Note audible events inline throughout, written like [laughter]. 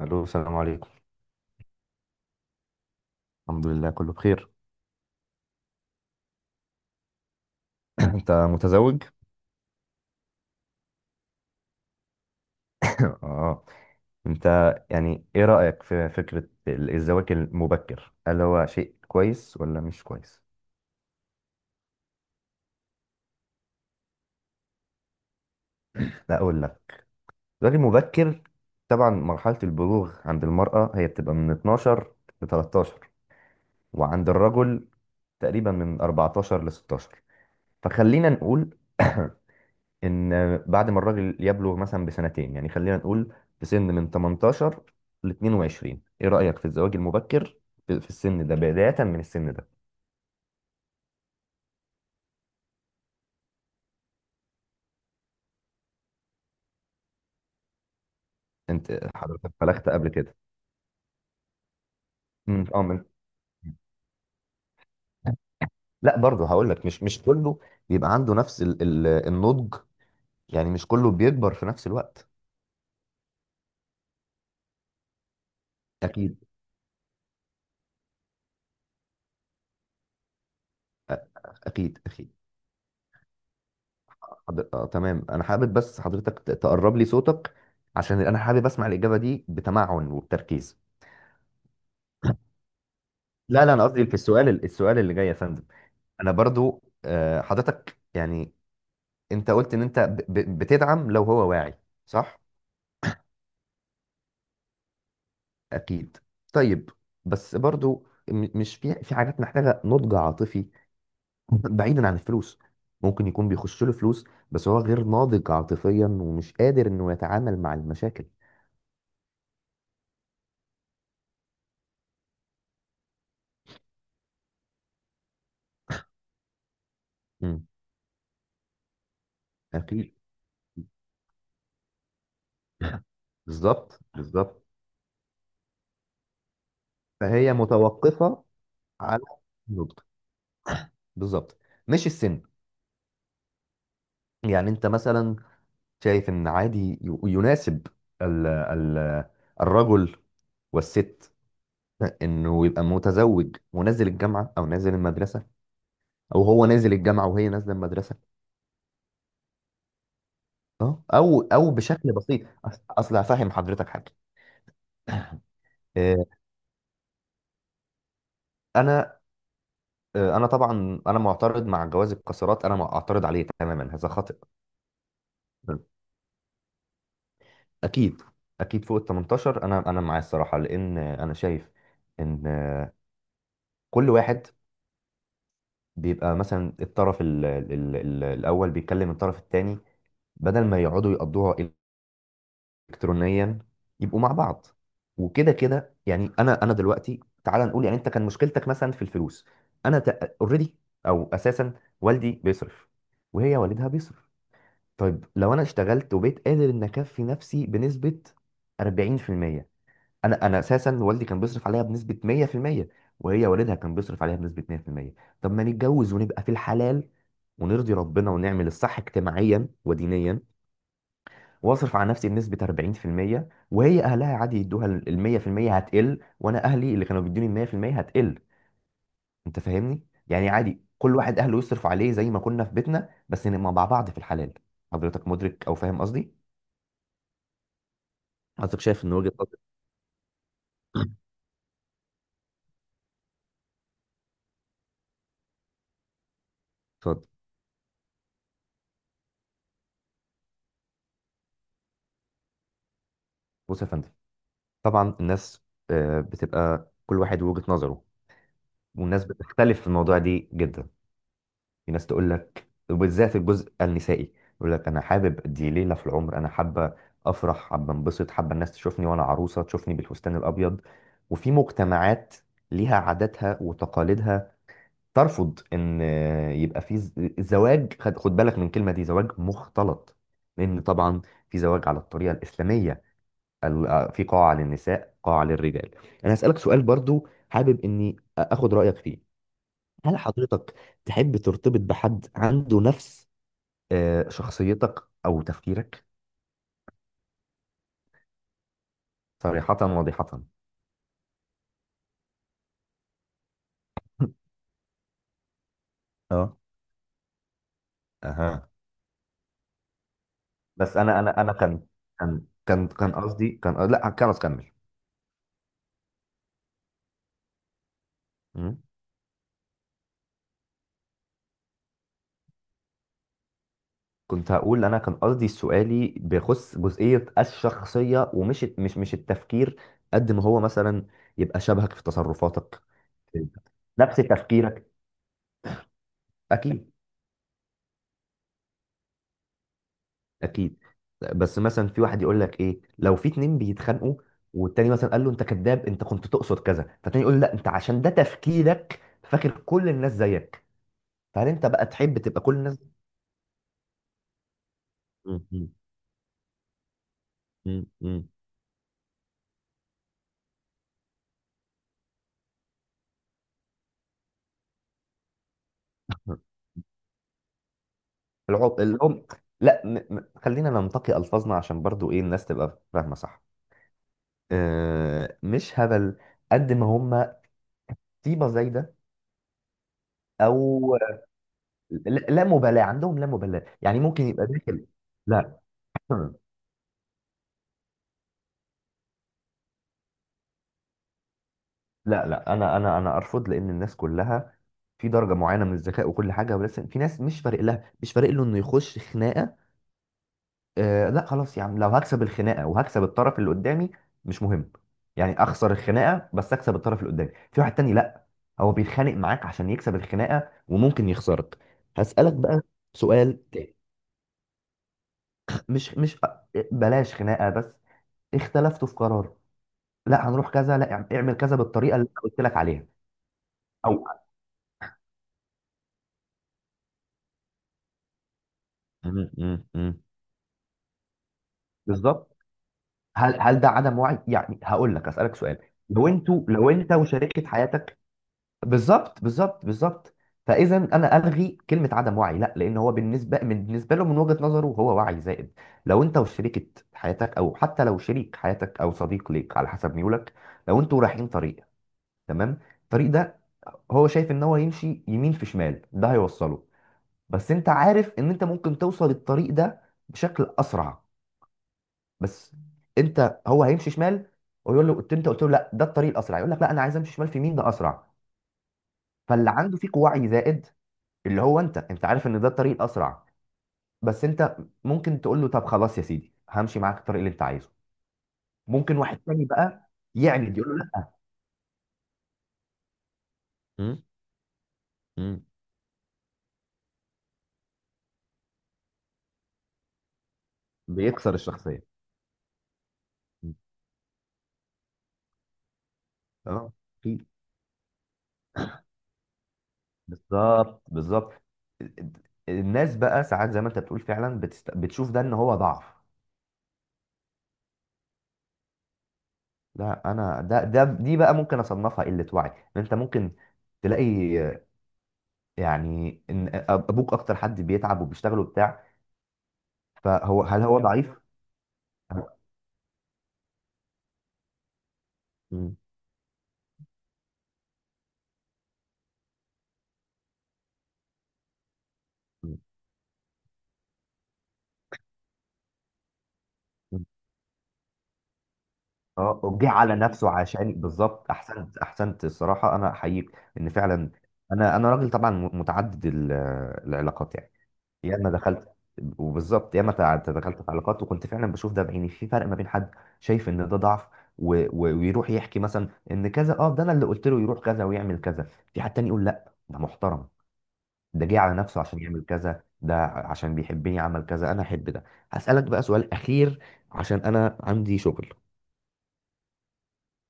الو. السلام عليكم. الحمد لله كله بخير. [coughs] [clears throat] انت متزوج؟ [clears throat] اه. انت يعني ايه رأيك في فكرة الزواج المبكر، هل هو شيء كويس ولا مش كويس؟ لا اقول لك، الزواج المبكر طبعا مرحلة البلوغ عند المرأة هي بتبقى من 12 ل 13، وعند الرجل تقريبا من 14 ل 16. فخلينا نقول [clears throat] ان بعد ما الراجل يبلغ مثلا بسنتين، يعني خلينا نقول في سن من 18 ل 22، ايه رأيك في الزواج المبكر في السن ده، بداية من السن ده؟ انت حضرتك بلغت قبل كده؟ اه من... لا برضه هقول لك، مش كله بيبقى عنده نفس ال ال النضج، يعني مش كله بيكبر في نفس الوقت. اكيد. أ- اكيد اكيد. آه تمام، انا حابب بس حضرتك تقرب لي صوتك، عشان انا حابب اسمع الإجابة دي بتمعن وبتركيز. لا، انا قصدي في السؤال، السؤال اللي جاي يا فندم. انا برضو حضرتك يعني انت قلت ان انت بتدعم لو هو واعي، صح؟ اكيد. طيب، بس برضو مش في في حاجات محتاجه نضج عاطفي؟ [clears throat] بعيدا عن الفلوس، ممكن يكون بيخش له فلوس بس هو غير ناضج عاطفيا ومش قادر انه يتعامل مع المشاكل. امم. اكيد. بالظبط بالظبط. فهي متوقفه على النضج، بالظبط، مش السن. يعني انت مثلا شايف ان عادي يناسب ال ال الرجل والست انه يبقى متزوج ونازل الجامعه او نازل المدرسه، او هو نازل الجامعه وهي نازله المدرسه؟ اه او او بشكل بسيط. اصل هفهم حضرتك حاجه. آه، انا انا طبعا انا معترض مع جواز القاصرات، انا معترض عليه تماما، هذا خطأ. اكيد اكيد، فوق ال 18 انا انا معاه الصراحه، لان انا شايف ان كل واحد بيبقى مثلا الطرف ال ال ال ال الأول بيكلم الطرف التاني، بدل ما يقعدوا يقضوها إلكترونيا يبقوا مع بعض وكده. كده يعني أنا دلوقتي تعال نقول، يعني أنت كان مشكلتك مثلا في الفلوس، أنا أوريدي أو أساسا والدي بيصرف، وهي والدها بيصرف. طيب لو أنا اشتغلت وبقيت قادر إن أكفي نفسي بنسبة 40%، انا اساسا والدي كان بيصرف عليها بنسبه 100%، وهي والدها كان بيصرف عليها بنسبه 100%، طب ما نتجوز ونبقى في الحلال، ونرضي ربنا ونعمل الصح اجتماعيا ودينيا، واصرف على نفسي بنسبه 40%، وهي اهلها عادي يدوها ال 100% هتقل، وانا اهلي اللي كانوا بيدوني ال 100% هتقل. انت فاهمني؟ يعني عادي كل واحد اهله يصرف عليه زي ما كنا في بيتنا، بس نبقى مع بعض في الحلال. حضرتك مدرك او فاهم قصدي؟ حضرتك شايف ان وجهه نظري؟ [coughs] اتفضل. بص يا فندم، طبعا الناس بتبقى كل واحد وجهة نظره، والناس بتختلف في الموضوع دي جدا. في ناس تقول لك، وبالذات الجزء النسائي، يقول لك انا حابب دي ليلة في العمر، انا حابة افرح، حابة انبسط، حابة الناس تشوفني وانا عروسة، تشوفني بالفستان الابيض. وفي مجتمعات ليها عاداتها وتقاليدها ترفض ان يبقى في زواج، خد خد بالك من الكلمة دي، زواج مختلط. لان طبعا في زواج على الطريقة الإسلامية، في قاعة للنساء، قاعة للرجال. انا هسألك سؤال برضو حابب اني اخد رأيك فيه. هل حضرتك تحب ترتبط بحد عنده نفس شخصيتك او تفكيرك؟ صريحة واضحة. [laughs] اه. اها. بس انا انا كان... قصدي كان... لا كان اكمل. مم. كنت هقول انا كان قصدي سؤالي بيخص جزئية الشخصية ومش مش مش التفكير. قد ما هو مثلا يبقى شبهك في تصرفاتك، نفس تفكيرك. اكيد اكيد. بس مثلا في واحد يقول لك ايه لو في اتنين بيتخانقوا، والتاني مثلا قال له انت كذاب، انت كنت تقصد كذا، فالتاني يقول لا انت عشان ده تفكيرك فاكر كل الناس زيك. فهل انت بقى تحب تبقى كل الناس... مم، مم، مم، مم. العم... لا خلينا ننتقي الفاظنا عشان برضو ايه الناس تبقى فاهمه صح. مش هبل، قد ما هم طيبه زايده، او لا لا مبالاه عندهم، لا مبالاه، يعني ممكن يبقى داخل... لا لا، لا انا انا ارفض، لان الناس كلها في درجه معينه من الذكاء وكل حاجه، بس في ناس مش فارق لها، مش فارق له انه يخش خناقه. آه لا خلاص يا عم، لو هكسب الخناقه وهكسب الطرف اللي قدامي مش مهم، يعني اخسر الخناقه بس اكسب الطرف اللي قدامي. في واحد تاني لا، هو بيتخانق معاك عشان يكسب الخناقه وممكن يخسرك. هسألك بقى سؤال تاني. مش مش بلاش خناقه، بس اختلفتوا في قرار. لا هنروح كذا، لا اعمل كذا بالطريقه اللي انا قلت لك عليها، او م- م- م. بالظبط. هل هل ده عدم وعي؟ يعني هقول لك اسالك سؤال. لو انتوا، لو انت وشريكه حياتك... بالظبط بالظبط بالظبط. فاذا انا الغي كلمه عدم وعي، لا، لان هو بالنسبه، من بالنسبه له من وجهه نظره هو وعي زائد. لو انت وشريكه حياتك، او حتى لو شريك حياتك او صديق ليك على حسب ميولك، لو انتوا رايحين طريق، تمام، الطريق ده هو شايف ان هو يمشي يمين في شمال ده هيوصله، بس انت عارف ان انت ممكن توصل الطريق ده بشكل اسرع، بس انت هو هيمشي شمال، ويقول له، قلت، انت قلت له لا ده الطريق الاسرع، يقول لك لا انا عايز امشي شمال في مين ده اسرع. فاللي عنده فيك وعي زائد، اللي هو انت، انت عارف ان ده الطريق الاسرع، بس انت ممكن تقول له طب خلاص يا سيدي همشي معاك الطريق اللي انت عايزه. ممكن واحد تاني بقى يعند يقول له لا. مم. مم. بيكسر الشخصيه. مم. اه. في. بالظبط بالظبط. الناس بقى ساعات زي ما انت بتقول فعلا بتشوف ده ان هو ضعف. لا انا ده ده دي بقى ممكن اصنفها قله وعي، ان انت ممكن تلاقي، يعني ان ابوك اكتر حد بيتعب وبيشتغل وبتاع، فهو هل هو ضعيف؟ مم. مم. اه جه على نفسه عشان بالظبط، احسنت احسنت الصراحه، انا احييك ان فعلا. انا راجل طبعا متعدد العلاقات يعني. ياما دخلت، وبالظبط ياما دخلت في علاقات، وكنت فعلا بشوف ده بعيني، في فرق ما بين حد شايف ان ده ضعف ويروح يحكي مثلا ان كذا، اه ده انا اللي قلت له يروح كذا ويعمل كذا، في حد تاني يقول لا ده محترم، ده جه على نفسه عشان يعمل كذا، ده عشان بيحبني عمل كذا، انا احب ده. هسألك بقى سؤال اخير عشان انا عندي شغل.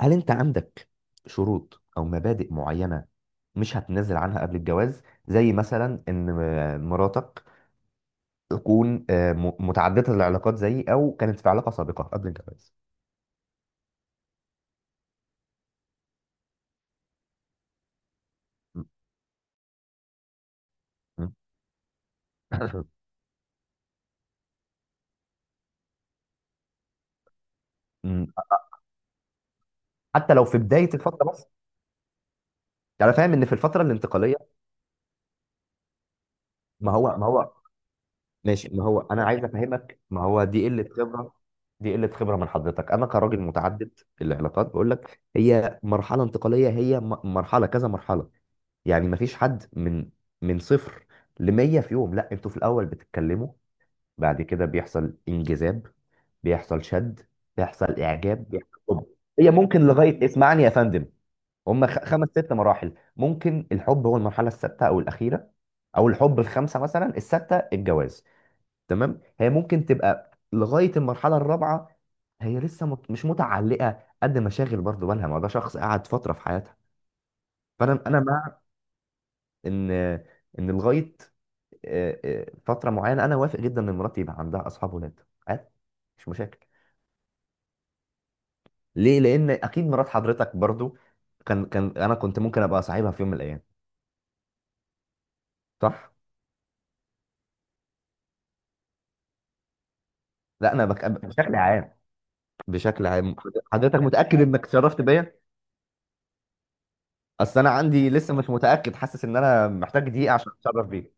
هل انت عندك شروط او مبادئ معينة مش هتنزل عنها قبل الجواز؟ زي مثلا ان مراتك تكون متعددة العلاقات زيي، أو كانت في علاقة سابقة قبل الجواز. م- م- [laughs] م- حتى لو في بداية الفترة بس؟ أنا فاهم إن في الفترة الانتقالية، ما هو ماشي، ما هو أنا عايز أفهمك، ما هو دي قلة خبرة، دي قلة خبرة من حضرتك. أنا كراجل متعدد العلاقات بقول لك، هي مرحلة انتقالية، هي مرحلة كذا، مرحلة يعني ما فيش حد من من صفر ل 100 في يوم، لا انتوا في الأول بتتكلموا، بعد كده بيحصل انجذاب، بيحصل شد، بيحصل اعجاب، بيحصل حب. هي ممكن لغايه... اسمعني يا فندم. هم خمس ست مراحل، ممكن الحب هو المرحله السادسه او الاخيره، او الحب الخامسه مثلا، السادسه الجواز، تمام؟ هي ممكن تبقى لغايه المرحله الرابعه هي لسه مش متعلقه قد مشاغل، برضه بالها ما ده شخص قعد فتره في حياتها. فانا انا مع ان، ان لغايه فتره معينه، انا وافق جدا ان مراتي يبقى عندها اصحاب ولاد، عادي، مش مشاكل. ليه؟ لان اكيد مرات حضرتك برضو كان كان انا كنت ممكن ابقى صاحبها في يوم من الايام. صح. لا انا بشكل عام. بشكل عام. حضرتك متاكد [laughs] انك اتشرفت بيا؟ اصل انا عندي لسه مش متاكد، حاسس ان انا محتاج دقيقه عشان اتشرف بيك.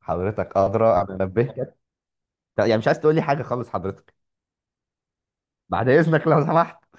حضرتك ادرى، انا نبهتك. يعني مش عايز تقول لي حاجه خالص حضرتك؟ بعد اذنك لو سمحت.